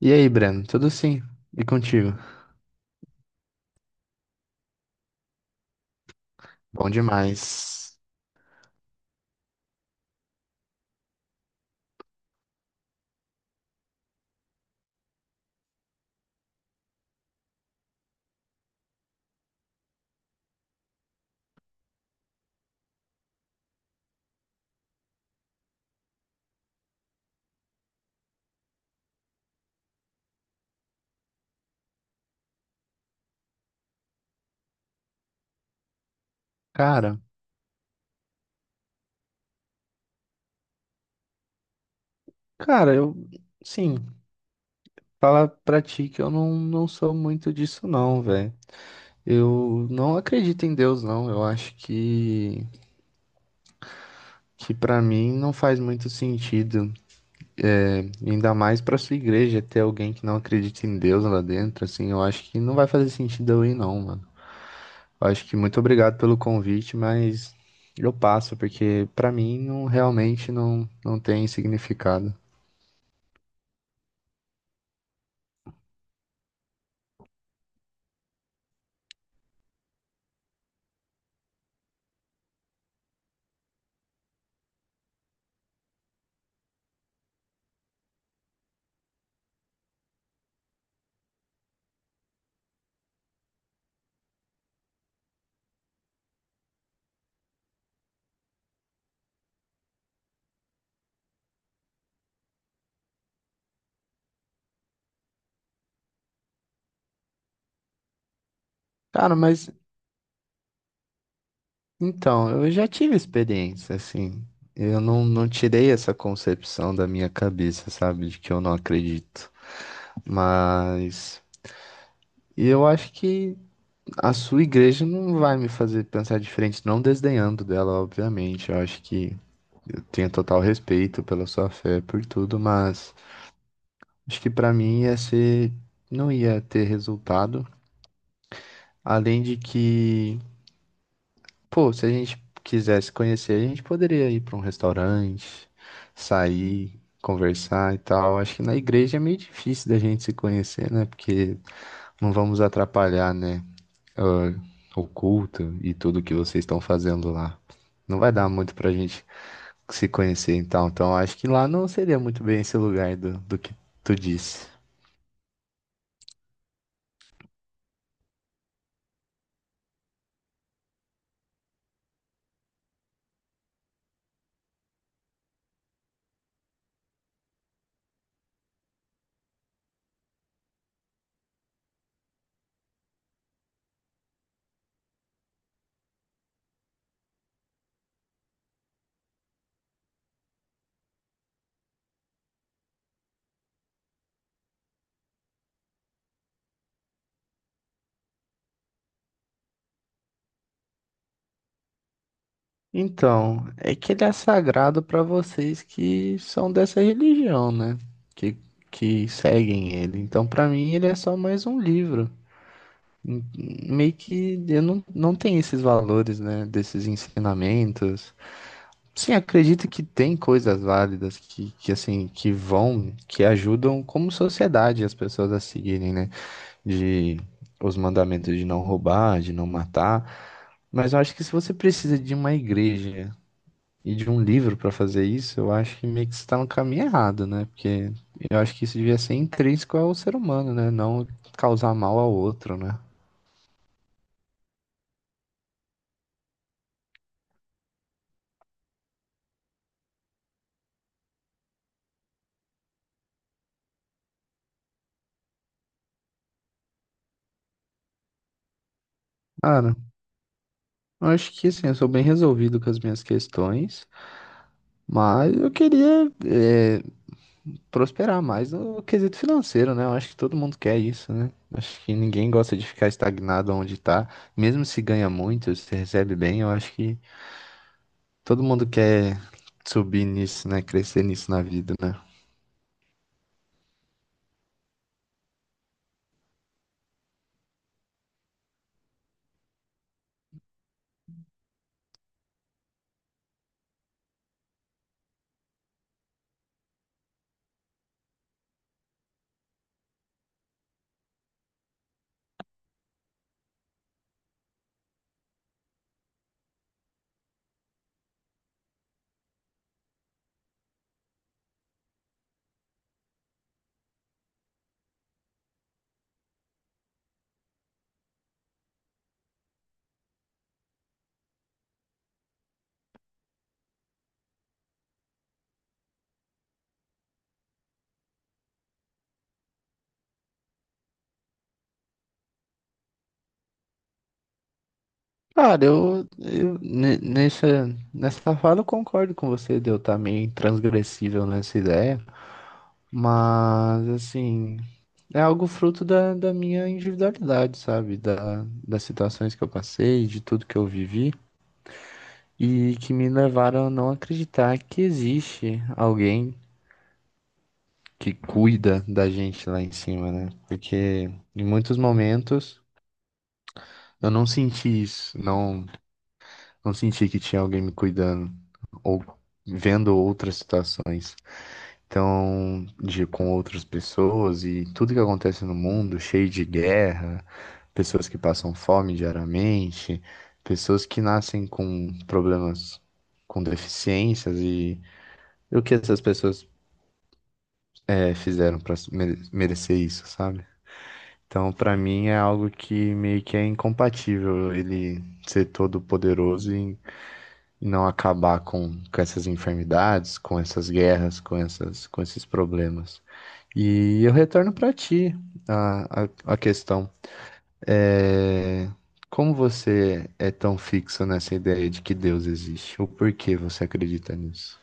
E aí, Breno, tudo sim? E contigo? Bom demais. Cara, cara, sim, falar pra ti que eu não sou muito disso não, velho. Eu não acredito em Deus não, eu acho que pra mim não faz muito sentido, né? Ainda mais pra sua igreja ter alguém que não acredita em Deus lá dentro, assim, eu acho que não vai fazer sentido eu ir não, mano. Eu acho que muito obrigado pelo convite, mas eu passo, porque pra mim não, realmente não tem significado. Cara, mas então, eu já tive experiência, assim. Eu não tirei essa concepção da minha cabeça, sabe? De que eu não acredito. Mas eu acho que a sua igreja não vai me fazer pensar diferente, não desdenhando dela, obviamente. Eu acho que eu tenho total respeito pela sua fé, por tudo, mas acho que pra mim ia ser, não ia ter resultado. Além de que, pô, se a gente quisesse conhecer, a gente poderia ir para um restaurante, sair, conversar e tal. Acho que na igreja é meio difícil da gente se conhecer, né? Porque não vamos atrapalhar, né? ah, O culto e tudo que vocês estão fazendo lá. Não vai dar muito pra gente se conhecer, então. Então, acho que lá não seria muito bem esse lugar do que tu disse. Então, é que ele é sagrado para vocês que são dessa religião, né? Que, que seguem ele. Então, para mim, ele é só mais um livro. Hum, Meio que eu não tenho esses valores, né? Desses ensinamentos. Sim, acredito que tem coisas válidas que assim, que ajudam como sociedade as pessoas a seguirem, né? De os mandamentos de não roubar, de não matar. Mas eu acho que se você precisa de uma igreja e de um livro para fazer isso, eu acho que meio que você tá no caminho errado, né? Porque eu acho que isso devia ser intrínseco ao ser humano, né? Não causar mal ao outro, né? Cara, eu acho que assim, eu sou bem resolvido com as minhas questões, mas eu queria prosperar mais no quesito financeiro, né? Eu acho que todo mundo quer isso, né? Acho que ninguém gosta de ficar estagnado onde tá. Mesmo se ganha muito, se recebe bem, eu acho que todo mundo quer subir nisso, né? Crescer nisso na vida, né? Cara, nessa fala eu concordo com você de eu estar meio transgressível nessa ideia, mas assim, é algo fruto da minha individualidade, sabe? Das situações que eu passei, de tudo que eu vivi, e que me levaram a não acreditar que existe alguém que cuida da gente lá em cima, né? Porque em muitos momentos eu não senti isso, não. Não senti que tinha alguém me cuidando ou vendo outras situações. Então, de, com outras pessoas e tudo que acontece no mundo, cheio de guerra, pessoas que passam fome diariamente, pessoas que nascem com problemas, com deficiências e o que essas pessoas fizeram para merecer isso, sabe? Então, pra mim é algo que meio que é incompatível ele ser todo poderoso e não acabar com essas enfermidades, com essas guerras, com esses problemas. E eu retorno para ti a questão. É, Como você é tão fixo nessa ideia de que Deus existe? Ou por que você acredita nisso?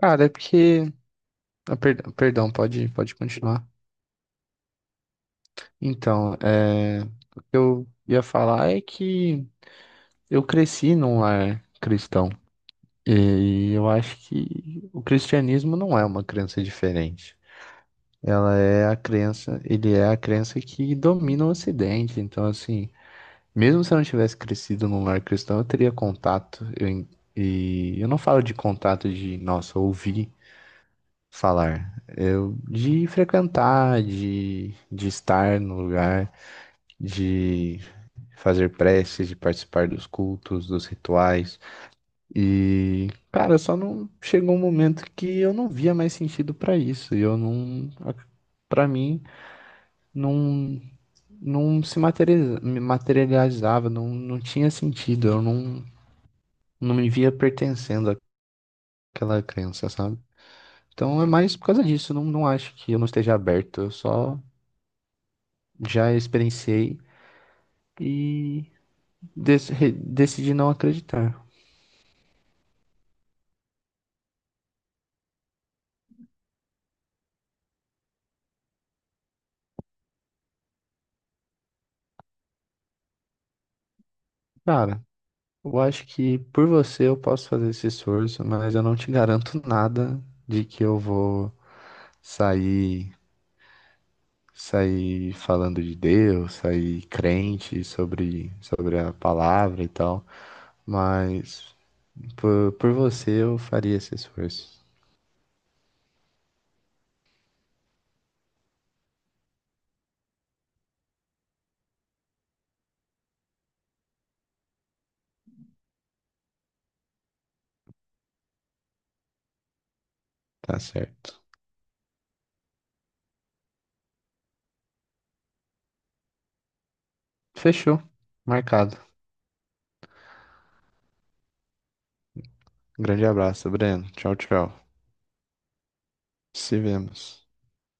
Cara, é porque, perdão, pode continuar. Então, o que eu ia falar é que eu cresci num lar cristão. E eu acho que o cristianismo não é uma crença diferente. Ela é a crença, ele é a crença que domina o Ocidente. Então, assim, mesmo se eu não tivesse crescido num lar cristão, eu teria contato. E eu não falo de contato de, nossa, ouvir falar. Eu, de frequentar, de estar no lugar, de fazer preces, de participar dos cultos, dos rituais. E, cara, só não chegou um momento que eu não via mais sentido pra isso. E eu não, Pra mim, não, não se materializa- me materializava, não tinha sentido. Eu não, Não me via pertencendo àquela crença, sabe? Então é mais por causa disso. Não, não acho que eu não esteja aberto. Eu só já experienciei e decidi não acreditar. Cara, eu acho que por você eu posso fazer esse esforço, mas eu não te garanto nada de que eu vou sair, sair falando de Deus, sair crente sobre a palavra e tal. Mas por você eu faria esse esforço. Tá certo. Fechou. Marcado. Grande abraço, Breno. Tchau, tchau. Se vemos.